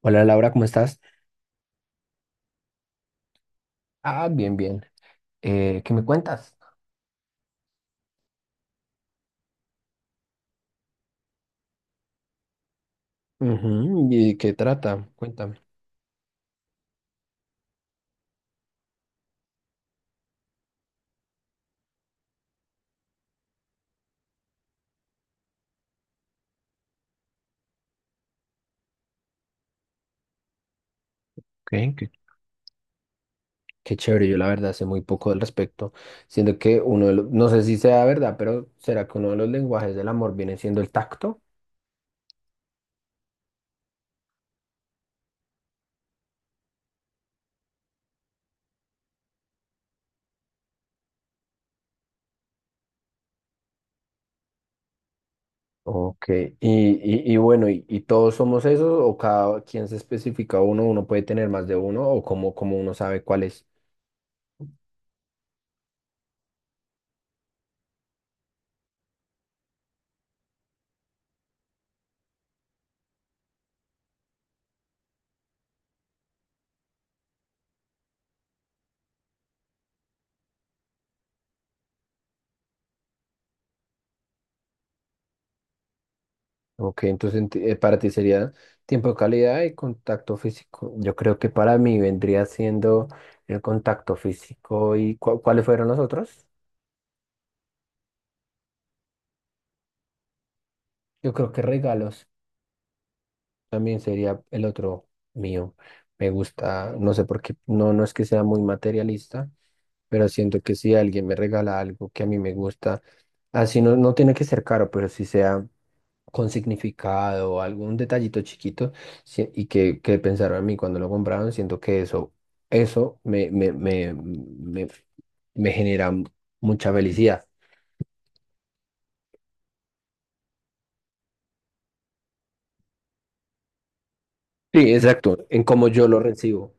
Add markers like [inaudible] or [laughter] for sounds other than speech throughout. Hola Laura, ¿cómo estás? Ah, bien, bien. ¿Qué me cuentas? Ujú. ¿Y qué trata? Cuéntame. Ok. qué- Qué chévere, yo la verdad sé muy poco al respecto, siendo que uno de los, no sé si sea verdad, pero ¿será que uno de los lenguajes del amor viene siendo el tacto? Ok, y bueno, ¿y todos somos esos o cada quien se especifica uno? ¿Uno puede tener más de uno o cómo uno sabe cuál es? Ok, entonces para ti sería tiempo de calidad y contacto físico. Yo creo que para mí vendría siendo el contacto físico y ¿cuáles fueron los otros? Yo creo que regalos también sería el otro mío. Me gusta, no sé por qué, no, no es que sea muy materialista, pero siento que si alguien me regala algo que a mí me gusta, así no, no tiene que ser caro, pero si sea con significado o algún detallito chiquito sí, y que pensaron en mí cuando lo compraron, siento que eso me genera mucha felicidad. Sí, exacto, en cómo yo lo recibo.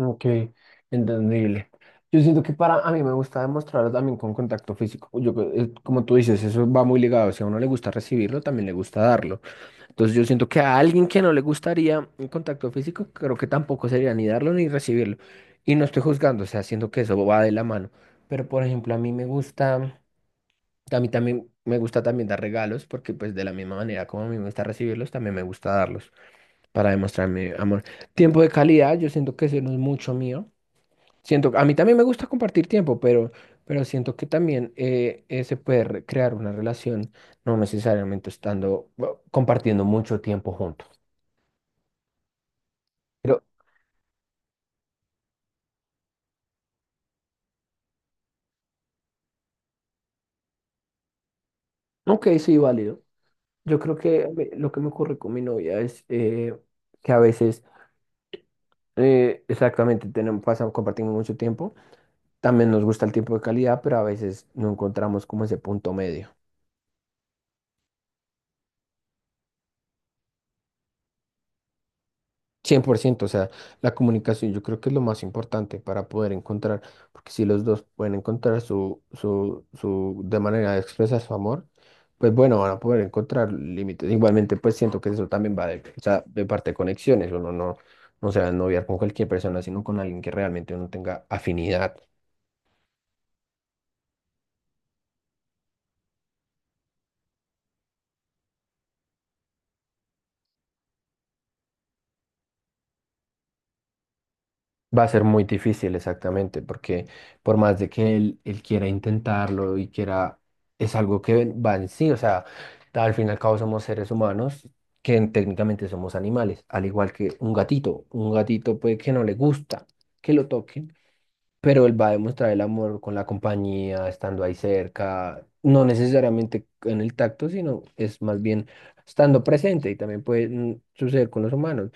Ok, entendible. Yo siento que para a mí me gusta demostrarlo también con contacto físico. Yo, como tú dices, eso va muy ligado. Si a uno le gusta recibirlo, también le gusta darlo. Entonces yo siento que a alguien que no le gustaría un contacto físico, creo que tampoco sería ni darlo ni recibirlo. Y no estoy juzgando, o sea, siento que eso va de la mano. Pero por ejemplo, a mí también me gusta también dar regalos, porque pues de la misma manera como a mí me gusta recibirlos, también me gusta darlos para demostrar mi amor. Tiempo de calidad, yo siento que eso no es mucho mío. A mí también me gusta compartir tiempo, pero siento que también se puede crear una relación, no necesariamente estando, bueno, compartiendo mucho tiempo juntos. Pero, ok, sí, válido. Yo creo que lo que me ocurre con mi novia es que a veces, exactamente, tenemos, pasamos, compartimos mucho tiempo. También nos gusta el tiempo de calidad, pero a veces no encontramos como ese punto medio. 100%, o sea, la comunicación yo creo que es lo más importante para poder encontrar, porque si los dos pueden encontrar su de manera de expresar su amor, pues bueno, van a poder encontrar límites. Igualmente, pues siento que eso también va de, o sea, de parte de conexiones, uno no, no se va a noviar con cualquier persona, sino con alguien que realmente uno tenga afinidad. Va a ser muy difícil, exactamente, porque por más de que él quiera intentarlo y quiera, es algo que va en sí, o sea, al fin y al cabo somos seres humanos que técnicamente somos animales, al igual que un gatito. Un gatito puede que no le gusta que lo toquen, pero él va a demostrar el amor con la compañía, estando ahí cerca, no necesariamente en el tacto, sino es más bien estando presente y también puede suceder con los humanos.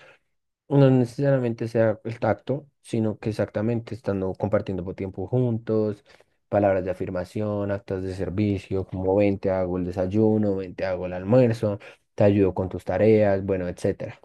No necesariamente sea el tacto, sino que exactamente estando compartiendo por tiempo juntos, palabras de afirmación, actos de servicio, como ven, te hago el desayuno, ven, te hago el almuerzo, te ayudo con tus tareas, bueno, etcétera.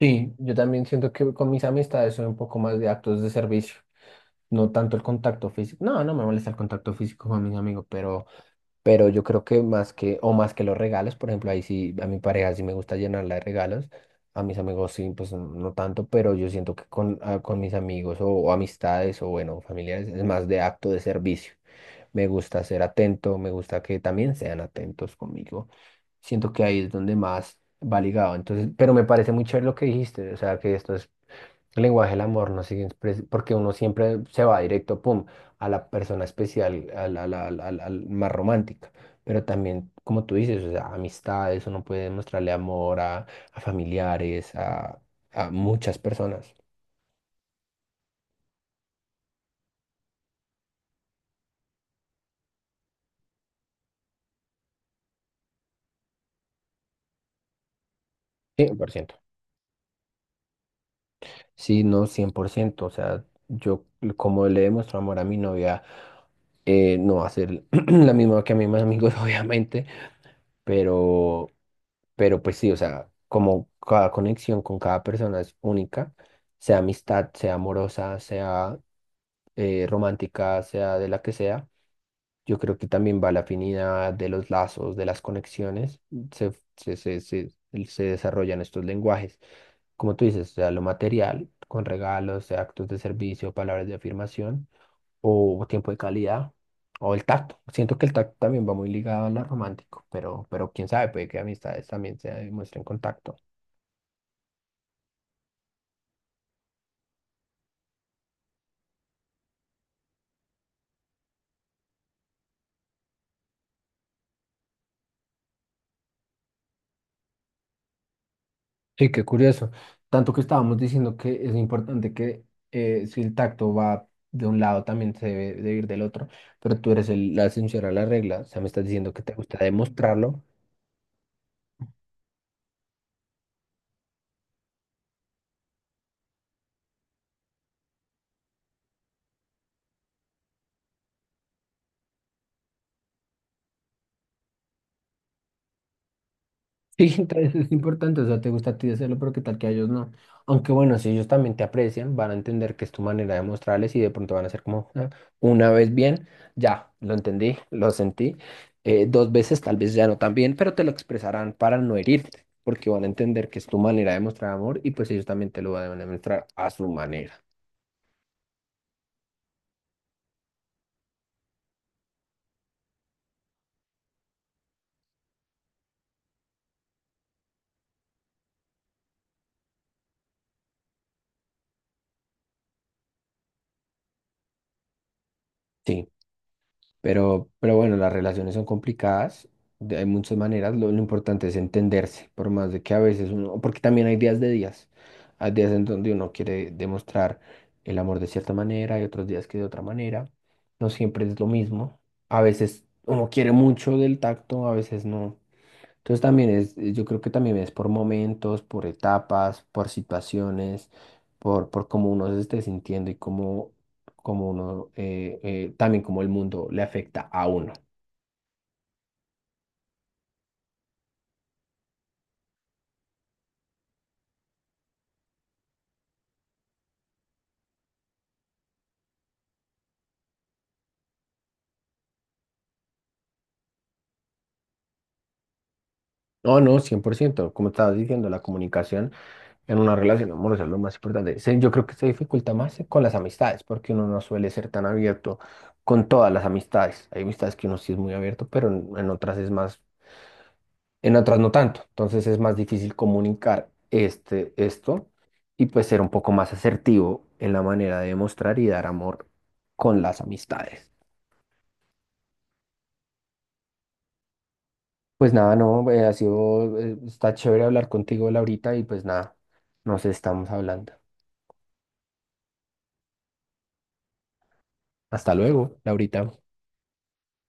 Sí, yo también siento que con mis amistades soy un poco más de actos de servicio, no tanto el contacto físico. No, no me molesta el contacto físico con mis amigos, pero yo creo que más que, o más que los regalos, por ejemplo, ahí sí, a mi pareja sí me gusta llenarla de regalos, a mis amigos sí, pues no no tanto, pero yo siento que con mis amigos o amistades o bueno, familiares es más de acto de servicio. Me gusta ser atento, me gusta que también sean atentos conmigo. Siento que ahí es donde más va ligado. Entonces, pero me parece muy chévere lo que dijiste, o sea, que esto es el lenguaje del amor, no sé, porque uno siempre se va directo, pum, a la persona especial, al más romántica. Pero también, como tú dices, o sea, amistades, uno puede demostrarle amor a familiares, a muchas personas. 100%. Sí, no, 100%, o sea, yo como le demuestro amor a mi novia, no va a ser [clears throat] la misma que a mis amigos, [laughs] obviamente, pero... Pero pues sí, o sea, como cada conexión con cada persona es única, sea amistad, sea amorosa, sea romántica, sea de la que sea, yo creo que también va la afinidad de los lazos, de las conexiones, se, se, se, se, se desarrollan estos lenguajes. Como tú dices, sea lo material, con regalos, sea actos de servicio, palabras de afirmación, o tiempo de calidad, o el tacto. Siento que el tacto también va muy ligado a lo romántico, pero quién sabe, puede que amistades también se demuestren contacto. Sí, qué curioso. Tanto que estábamos diciendo que es importante que si el tacto va de un lado, también se debe de ir del otro, pero tú eres la excepción a la regla, o sea, me estás diciendo que te gusta demostrarlo. Sí, [laughs] entonces es importante, o sea, te gusta a ti hacerlo, pero qué tal que a ellos no. Aunque bueno, si ellos también te aprecian, van a entender que es tu manera de mostrarles y de pronto van a ser como, "Ah, una vez bien, ya, lo entendí, lo sentí, dos veces tal vez ya no tan bien", pero te lo expresarán para no herirte, porque van a entender que es tu manera de mostrar amor y pues ellos también te lo van a demostrar a su manera. Sí. Pero bueno, las relaciones son complicadas, hay muchas maneras, lo importante es entenderse, por más de que a veces uno, porque también hay días de días, hay días en donde uno quiere demostrar el amor de cierta manera y otros días que de otra manera, no siempre es lo mismo, a veces uno quiere mucho del tacto, a veces no. Entonces también es, yo creo que también es por momentos, por etapas, por situaciones, por cómo uno se esté sintiendo y cómo uno, también cómo el mundo le afecta a uno. No, no, 100% como estabas diciendo, la comunicación en una relación amorosa es lo más importante. Yo creo que se dificulta más con las amistades, porque uno no suele ser tan abierto con todas las amistades. Hay amistades que uno sí es muy abierto, pero en otras es más en otras no tanto. Entonces es más difícil comunicar esto y pues ser un poco más asertivo en la manera de mostrar y dar amor con las amistades. Pues nada, no, ha sido, está chévere hablar contigo, Laurita, y pues nada, nos estamos hablando. Hasta luego, Laurita.